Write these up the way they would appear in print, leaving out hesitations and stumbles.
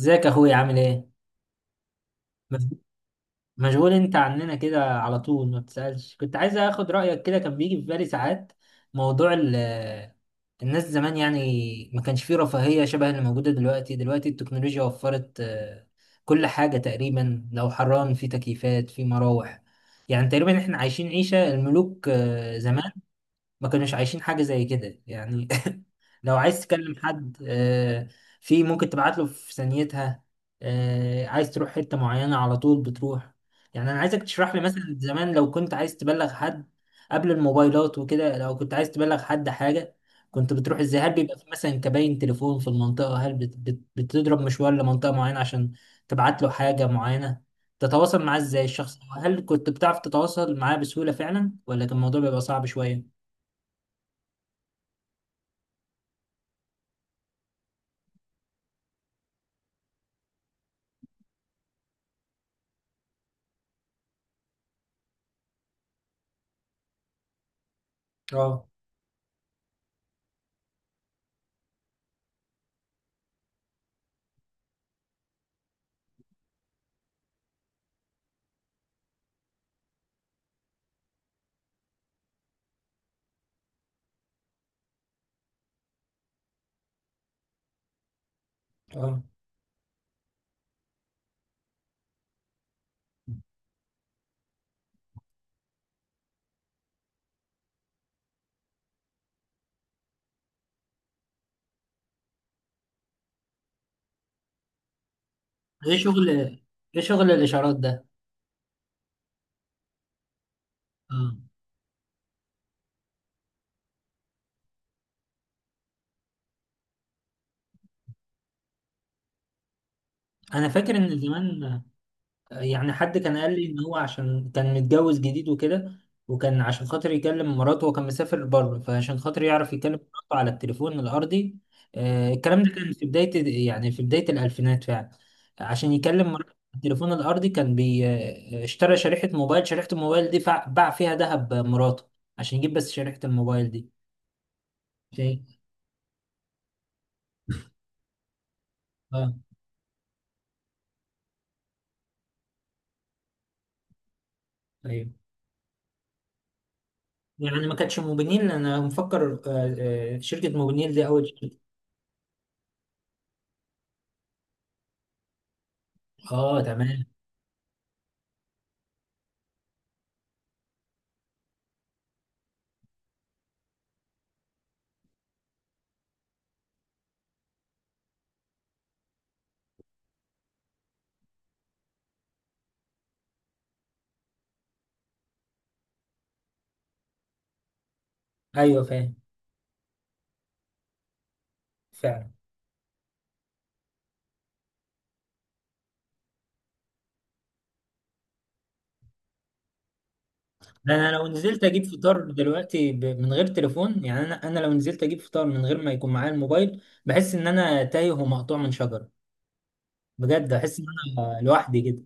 ازيك يا اخويا؟ عامل ايه؟ مف- مشغول انت عننا كده على طول، ما بتسألش. كنت عايز اخد رأيك، كده كان بيجي في بالي ساعات. موضوع الناس زمان، يعني ما كانش فيه رفاهية شبه اللي موجودة دلوقتي التكنولوجيا وفرت كل حاجة تقريبا. لو حران، في تكييفات، في مراوح. يعني تقريبا احنا عايشين عيشة الملوك. زمان ما كانوش عايشين حاجة زي كده يعني. لو عايز تكلم حد، في ممكن تبعت له في ثانيتها. عايز تروح حتة معينة، على طول بتروح. يعني أنا عايزك تشرح لي مثلا، زمان لو كنت عايز تبلغ حد، قبل الموبايلات وكده، لو كنت عايز تبلغ حد حاجة، كنت بتروح ازاي؟ هل بيبقى في مثلا كباين تليفون في المنطقة؟ هل بتضرب مشوار لمنطقة معينة عشان تبعت له حاجة معينة؟ تتواصل معاه ازاي الشخص؟ هل كنت بتعرف تتواصل معاه بسهولة فعلا، ولا كان الموضوع بيبقى صعب شوية؟ اه. اه. ايه شغل؟ ايه شغل الاشارات ده؟ اه. انا فاكر ان زمان، يعني حد كان قال لي ان هو عشان كان متجوز جديد وكده، وكان عشان خاطر يكلم مراته، وكان مسافر بره، فعشان خاطر يعرف يكلم مراته على التليفون الارضي، الكلام ده كان في بداية، يعني في بداية الالفينات فعلا. عشان يكلم مراته على التليفون الارضي، كان بي آه، اشترى شريحة موبايل. شريحة الموبايل دي باع فيها ذهب مراته عشان يجيب بس شريحة الموبايل دي. شيء. اه. ايوه. يعني ما كانتش موبينيل؟ انا مفكر شركة موبينيل دي اول شركة. اه، تمام. ايوه فاهم. فعلا. ده انا لو نزلت اجيب فطار دلوقتي، من غير تليفون، يعني انا لو نزلت اجيب فطار من غير ما يكون معايا الموبايل، بحس ان انا تايه ومقطوع من شجرة. بجد احس ان انا لوحدي كده.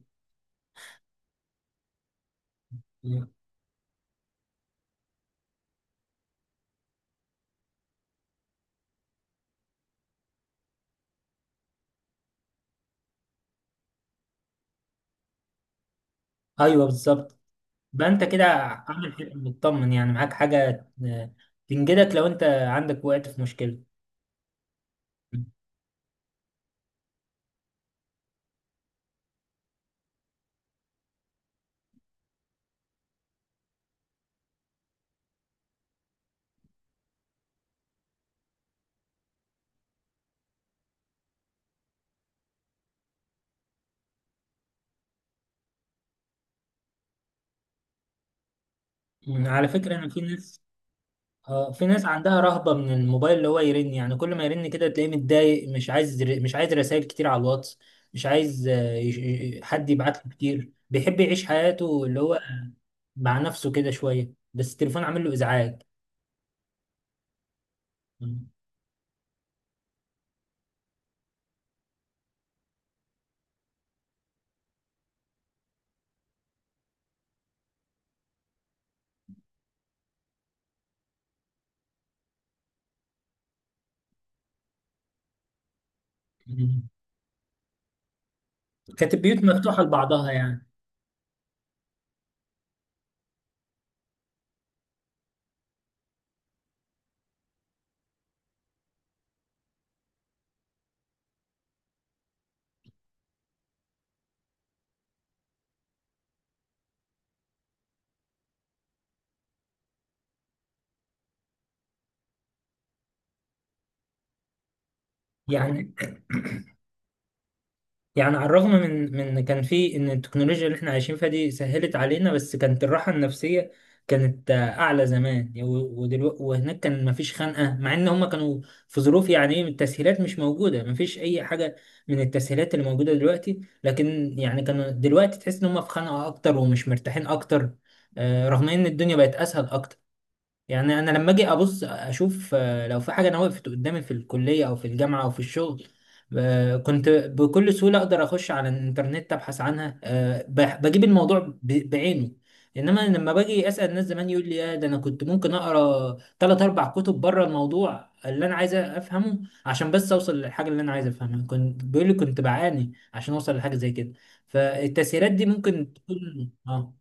ايوه بالظبط. بقى انت كده عامل حاجة، مطمن يعني، معاك حاجة تنجدك لو انت عندك وقت في مشكلة. على فكرة، أنا في ناس، اه في ناس عندها رهبة من الموبايل، اللي هو يرن، يعني كل ما يرن كده تلاقيه متضايق، مش عايز رسائل كتير على الواتس، مش عايز حد يبعت له كتير. بيحب يعيش حياته اللي هو مع نفسه كده شوية، بس التليفون عامل له إزعاج. مم. كانت البيوت مفتوحة لبعضها يعني. يعني يعني على الرغم من إن كان في ان التكنولوجيا اللي احنا عايشين فيها دي سهلت علينا، بس كانت الراحه النفسيه كانت اعلى زمان. ودلوقتي وهناك كان مفيش خنقه، مع ان هم كانوا في ظروف، يعني ايه، التسهيلات مش موجوده، مفيش اي حاجه من التسهيلات اللي موجوده دلوقتي. لكن يعني كانوا دلوقتي تحس ان هم في خنقه اكتر ومش مرتاحين اكتر، رغم ان الدنيا بقت اسهل اكتر. يعني انا لما اجي ابص اشوف، لو في حاجه انا وقفت قدامي في الكليه او في الجامعه او في الشغل، كنت بكل سهوله اقدر اخش على الانترنت ابحث عنها، بجيب الموضوع بعينه. انما لما باجي اسال ناس زمان، يقول لي يا ده انا كنت ممكن اقرا ثلاث اربع كتب بره الموضوع اللي انا عايز افهمه، عشان بس اوصل للحاجه اللي انا عايز افهمها. كنت بيقول لي كنت بعاني عشان اوصل لحاجه زي كده. فالتسهيلات دي ممكن تكون، اه،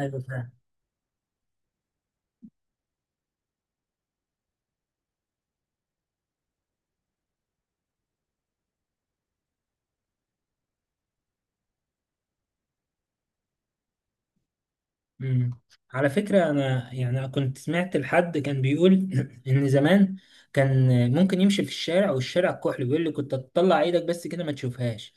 ايوه. مم. على فكرة، أنا يعني كنت سمعت لحد كان بيقول، إن زمان كان ممكن يمشي في الشارع والشارع كحل، بيقول لي كنت تطلع إيدك بس كده ما تشوفهاش.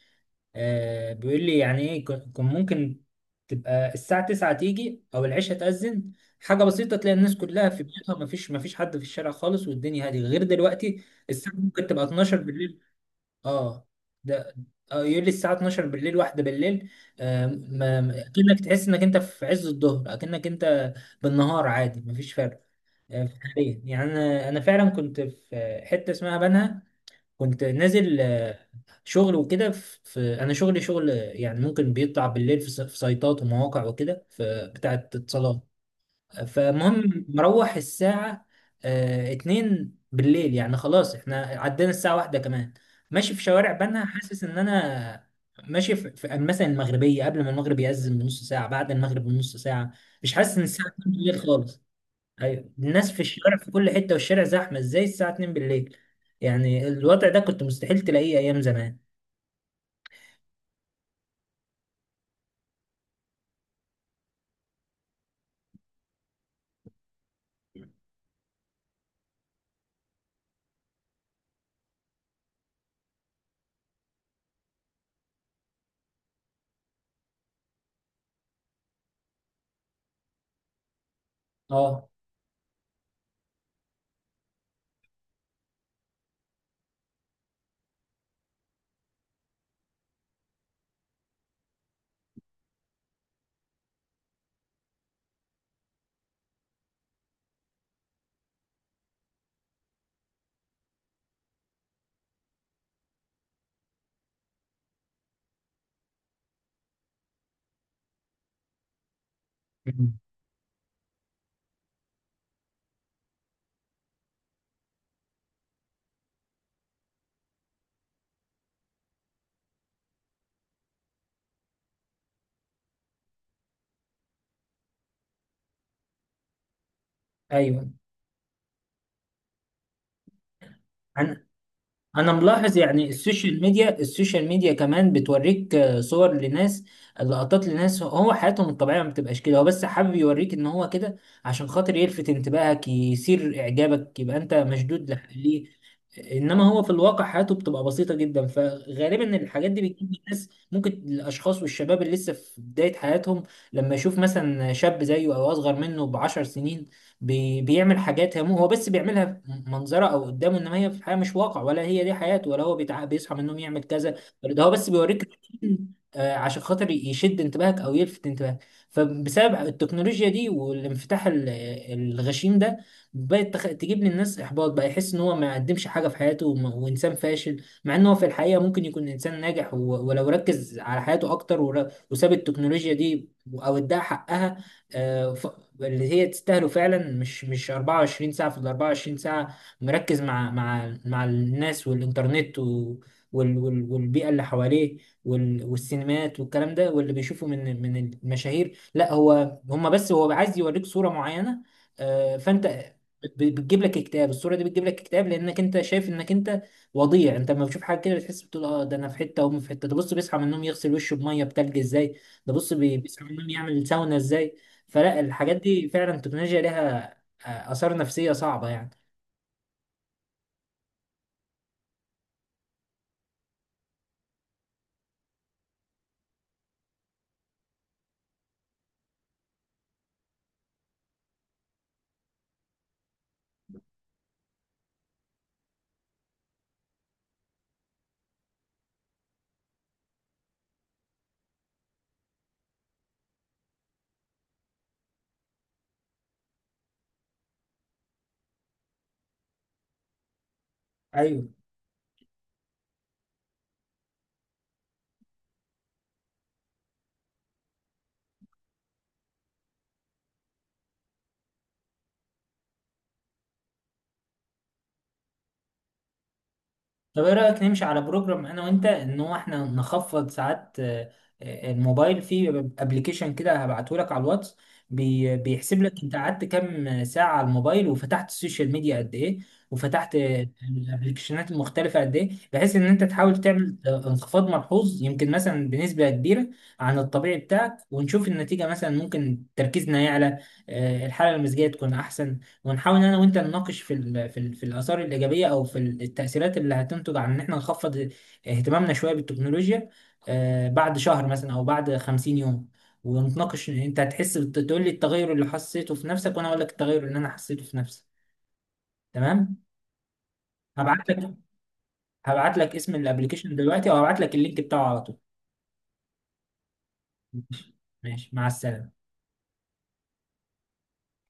بيقول لي يعني إيه. كان ممكن تبقى الساعة 9 تيجي، أو العشاء تأذن، حاجة بسيطة، تلاقي الناس كلها في بيوتها، ما فيش حد في الشارع خالص، والدنيا هادية غير دلوقتي. الساعة ممكن تبقى 12 بالليل. اه. ده يقول لي الساعة 12 بالليل، واحدة بالليل. اكنك تحس انك انت في عز الظهر، اكنك انت بالنهار عادي، مفيش فرق. في الحقيقة. يعني انا فعلا كنت في حتة اسمها بنها. كنت نازل شغل وكده، في انا شغلي شغل، يعني ممكن بيطلع بالليل، في سايتات ومواقع وكده، في بتاعة اتصالات. فالمهم مروح الساعة اتنين بالليل، يعني خلاص احنا عدينا الساعة واحدة كمان. ماشي في شوارع بنها، حاسس ان انا ماشي في مثلا المغربية، قبل ما المغرب يأذن بنص ساعة، بعد المغرب بنص ساعة، مش حاسس ان الساعة 2 بالليل خالص. ايوه، الناس في الشوارع في كل حتة، والشارع زحمة ازاي الساعة 2 بالليل؟ يعني الوضع ده كنت مستحيل تلاقيه ايام زمان. اه. مم. ايوه. عن- انا ملاحظ، يعني السوشيال ميديا كمان بتوريك صور لناس، لقطات لناس، هو حياتهم الطبيعيه ما بتبقاش كده، هو بس حابب يوريك ان هو كده عشان خاطر يلفت انتباهك، يثير اعجابك، يبقى انت مشدود ليه. انما هو في الواقع حياته بتبقى بسيطه جدا. فغالبا الحاجات دي بتجيب الناس، ممكن الاشخاص والشباب اللي لسه في بدايه حياتهم، لما يشوف مثلا شاب زيه او اصغر منه بعشر سنين بيعمل حاجات، هو بس بيعملها في منظره او قدامه، انما هي في الحياه مش واقع، ولا هي دي حياته، ولا هو بيصحى من النوم يعمل كذا، ولا ده هو بس بيوريك روتين، عشان خاطر يشد انتباهك او يلفت انتباهك. فبسبب التكنولوجيا دي، والانفتاح الغشيم ده، بقت تجيب للناس احباط، بقى يحس ان هو ما قدمش حاجه في حياته، وانسان فاشل، مع ان هو في الحقيقه ممكن يكون انسان ناجح، ولو ركز على حياته اكتر، وساب التكنولوجيا دي، او اداها حقها، آه، ف- اللي هي تستاهله فعلا، مش 24 ساعة في ال 24 ساعة مركز مع الناس والإنترنت، والبيئة اللي حواليه، والسينمات والكلام ده، واللي بيشوفه من المشاهير، لا، هو هما بس هو عايز يوريك صورة معينة. فأنت بتجيب لك اكتئاب. الصورة دي بتجيب لك اكتئاب، لأنك أنت شايف إنك أنت وضيع. أنت لما بتشوف حاجة كده بتحس، بتقول أه، ده أنا في حتة وهم في حتة. ده بص بيصحى من النوم يغسل وشه بمية بتلج إزاي، ده بص بيصحى من النوم يعمل ساونا إزاي. فلا، الحاجات دي فعلا التكنولوجيا لها آثار نفسية صعبة يعني. ايوه. طب ايه رأيك نمشي على بروجرام انا وانت، ان هو احنا نخفض ساعات الموبايل؟ في ابلكيشن كده هبعته لك على الواتس، بيحسب لك انت قعدت كام ساعة على الموبايل، وفتحت السوشيال ميديا قد ايه، وفتحت الابلكيشنات المختلفة قد ايه، بحيث ان انت تحاول تعمل انخفاض ملحوظ، يمكن مثلا بنسبة كبيرة عن الطبيعي بتاعك، ونشوف النتيجة. مثلا ممكن تركيزنا يعلى، الحالة المزاجية تكون احسن. ونحاول انا وانت نناقش في الاثار الايجابيه، او في التاثيرات اللي هتنتج عن ان احنا نخفض اهتمامنا شويه بالتكنولوجيا، بعد شهر مثلا او بعد 50 يوم. ونتناقش، انت هتحس تقول لي التغير اللي حسيته في نفسك، وانا اقول لك التغير اللي انا حسيته في نفسي. تمام. هبعت لك هبعت لك اسم الابلكيشن دلوقتي، او هبعت لك اللينك بتاعه على طول. ماشي. ماشي. مع السلامه.